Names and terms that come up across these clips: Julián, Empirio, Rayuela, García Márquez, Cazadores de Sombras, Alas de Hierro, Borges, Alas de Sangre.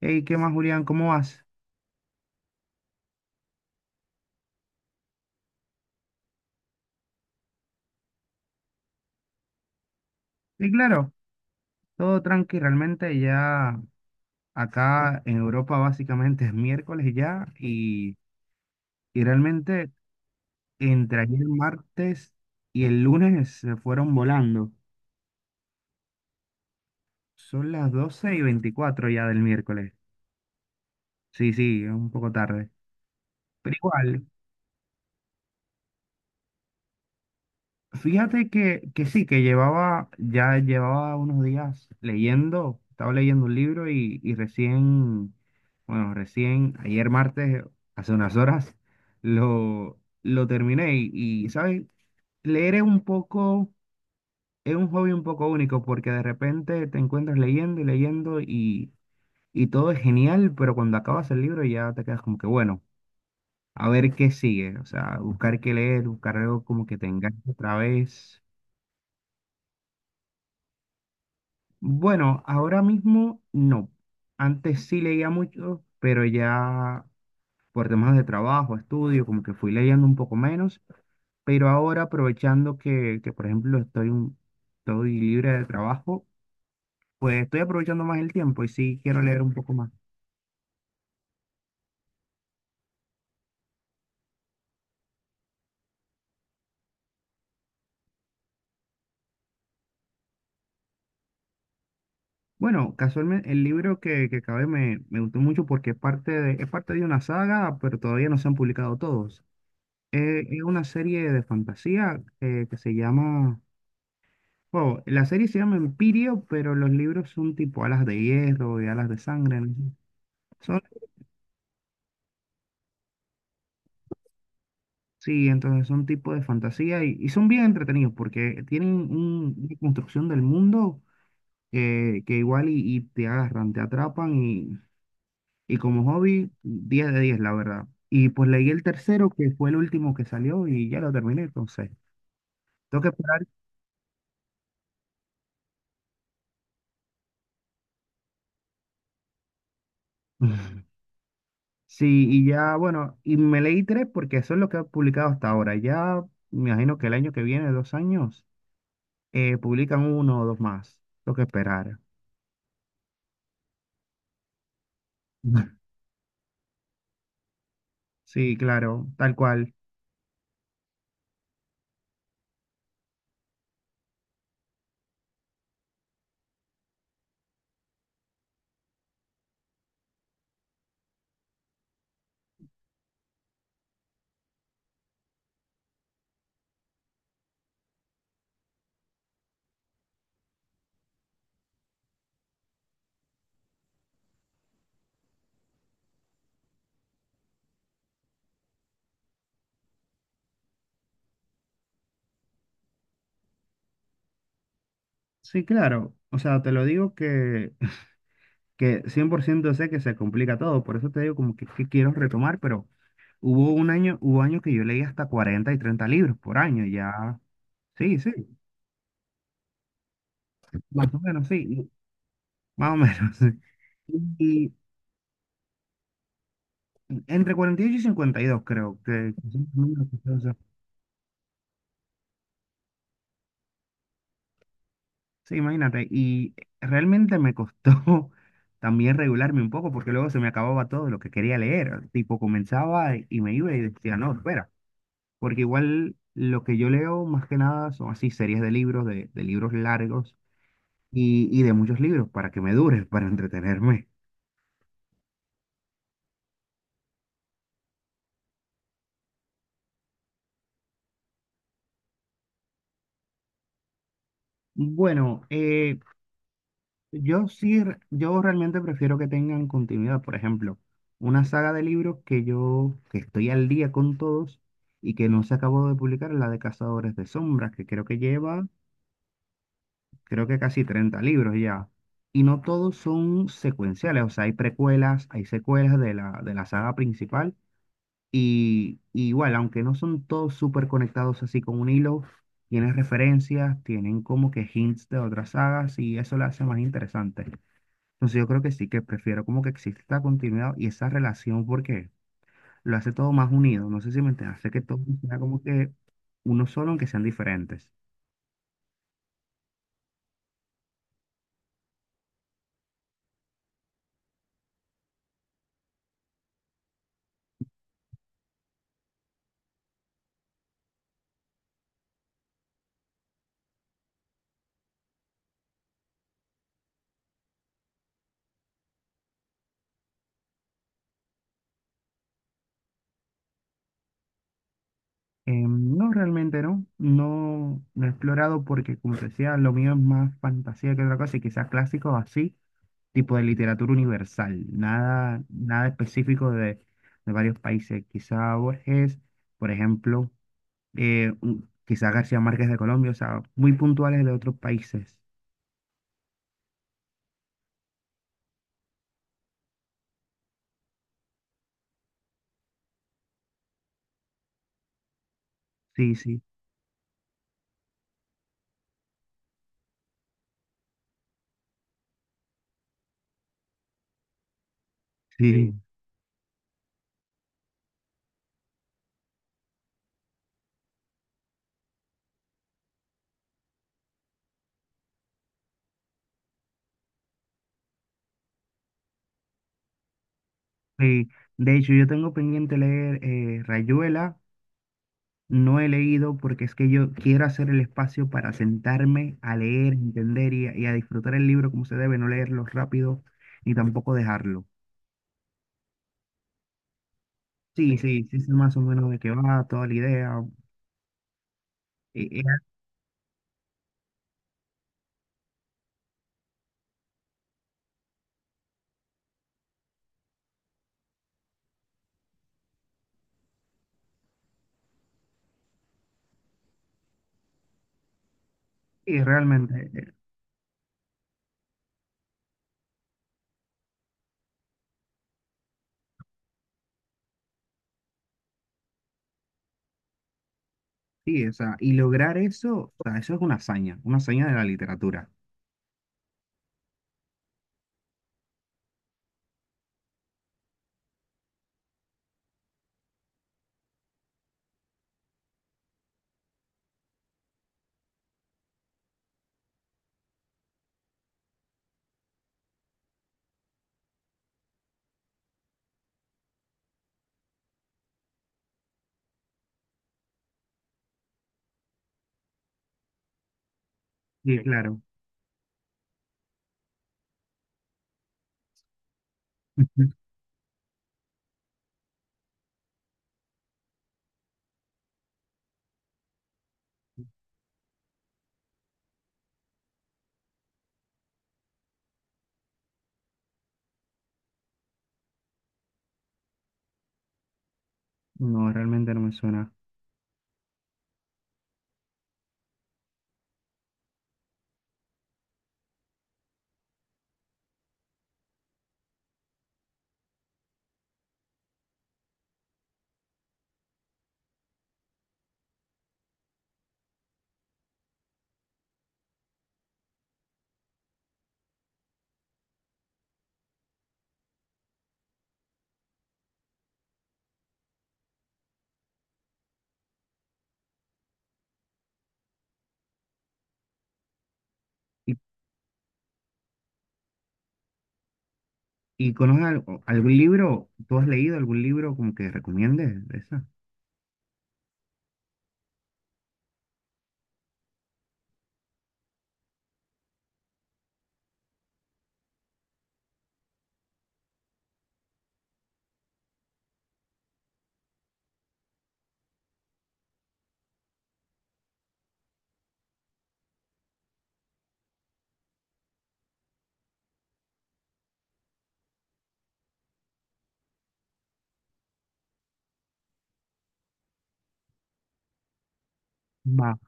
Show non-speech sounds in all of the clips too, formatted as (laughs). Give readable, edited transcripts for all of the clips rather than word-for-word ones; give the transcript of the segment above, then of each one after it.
Hey, ¿qué más, Julián? ¿Cómo vas? Y claro, todo tranqui, realmente ya acá en Europa básicamente es miércoles ya y realmente entre ayer martes y el lunes se fueron volando. Son las 12:24 ya del miércoles. Sí, sí, es un poco tarde. Pero igual, fíjate que sí, que llevaba, ya llevaba unos días leyendo, estaba leyendo un libro y recién, bueno, recién ayer martes, hace unas horas, lo terminé y, ¿sabes? Leer es un hobby un poco único porque de repente te encuentras leyendo y leyendo y todo es genial, pero cuando acabas el libro ya te quedas como que, bueno, a ver qué sigue, o sea, buscar qué leer, buscar algo como que te enganche otra vez. Bueno, ahora mismo no. Antes sí leía mucho, pero ya por temas de trabajo, estudio, como que fui leyendo un poco menos. Pero ahora aprovechando que, por ejemplo, estoy libre de trabajo, pues estoy aprovechando más el tiempo y sí quiero leer un poco más. Bueno, casualmente el libro que acabé me gustó mucho porque es parte de una saga, pero todavía no se han publicado todos. Es una serie de fantasía que se llama... Wow, la serie se llama Empirio, pero los libros son tipo Alas de Hierro y Alas de Sangre, ¿no? Son, sí, entonces son tipo de fantasía y son bien entretenidos porque tienen una construcción del mundo que igual y te agarran, te atrapan y como hobby, 10 de 10 la verdad. Y pues leí el tercero, que fue el último que salió y ya lo terminé, entonces. Tengo que esperar. (laughs) Sí, y ya, bueno, y me leí tres porque eso es lo que ha publicado hasta ahora. Ya me imagino que el año que viene, 2 años, publican uno o dos más, lo que esperar. (laughs) Sí, claro, tal cual. Sí, claro. O sea, te lo digo que, (laughs) que 100% sé que se complica todo, por eso te digo como que quiero retomar, pero hubo un año, hubo años que yo leí hasta 40 y 30 libros por año, ya. Sí, sí, más o menos, sí, más o menos. (laughs) Sí. Y entre 48 y 52 creo que son los números que se usan. Sí, imagínate. Y realmente me costó (laughs) también regularme un poco porque luego se me acababa todo lo que quería leer. Tipo, comenzaba y me iba y decía, no, espera. Porque igual lo que yo leo más que nada son así series de libros, de libros largos y de muchos libros para que me dure, (laughs) para entretenerme. Bueno, yo sí, yo realmente prefiero que tengan continuidad. Por ejemplo, una saga de libros que estoy al día con todos y que no se acabó de publicar, la de Cazadores de Sombras, que creo que casi 30 libros ya. Y no todos son secuenciales, o sea, hay precuelas, hay secuelas de la saga principal. Y igual, aunque no son todos súper conectados así con un hilo, tienen referencias, tienen como que hints de otras sagas y eso la hace más interesante. Entonces yo creo que sí, que prefiero como que exista continuidad y esa relación porque lo hace todo más unido. No sé si me entiendes, hace que todo sea como que uno solo, aunque sean diferentes. No, realmente no. No, no he explorado porque, como te decía, lo mío es más fantasía que otra cosa y quizás clásico así, tipo de literatura universal. Nada, nada específico de varios países. Quizá Borges, por ejemplo, quizá García Márquez de Colombia, o sea, muy puntuales de otros países. Sí, sí. Sí, sí. De hecho, yo tengo pendiente leer Rayuela. No he leído porque es que yo quiero hacer el espacio para sentarme a leer, entender y a disfrutar el libro como se debe, no leerlo rápido ni tampoco dejarlo. Sí, sí, sí, sé más o menos de qué va, toda la idea. Y así, es realmente, eh, sí, o sea, y lograr eso, o sea, eso es una hazaña de la literatura. Sí, claro. (laughs) No, realmente no me suena. ¿Y conoces algún libro? ¿Tú has leído algún libro como que recomiendes de esa? Va,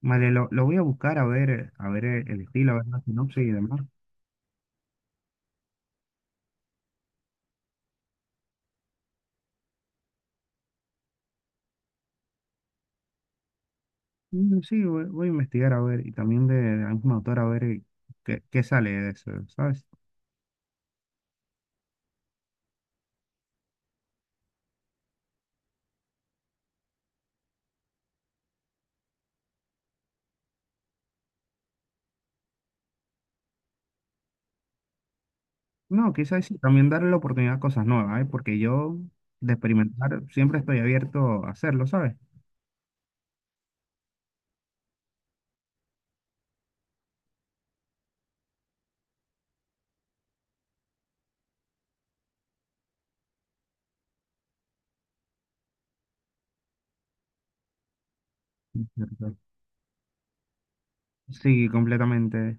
vale, lo voy a buscar a ver el estilo, a ver la sinopsis y demás. Mm, sí, voy a investigar a ver, y también de algún autor a ver qué, sale de eso, ¿sabes? No, quizás sí, también darle la oportunidad a cosas nuevas, ¿eh? Porque yo de experimentar siempre estoy abierto a hacerlo, ¿sabes? Cierto. Sí, completamente.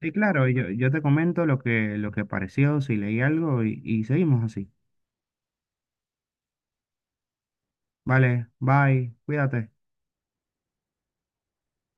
Sí, claro, yo te comento lo que pareció, si leí algo y seguimos así. Vale, bye, cuídate.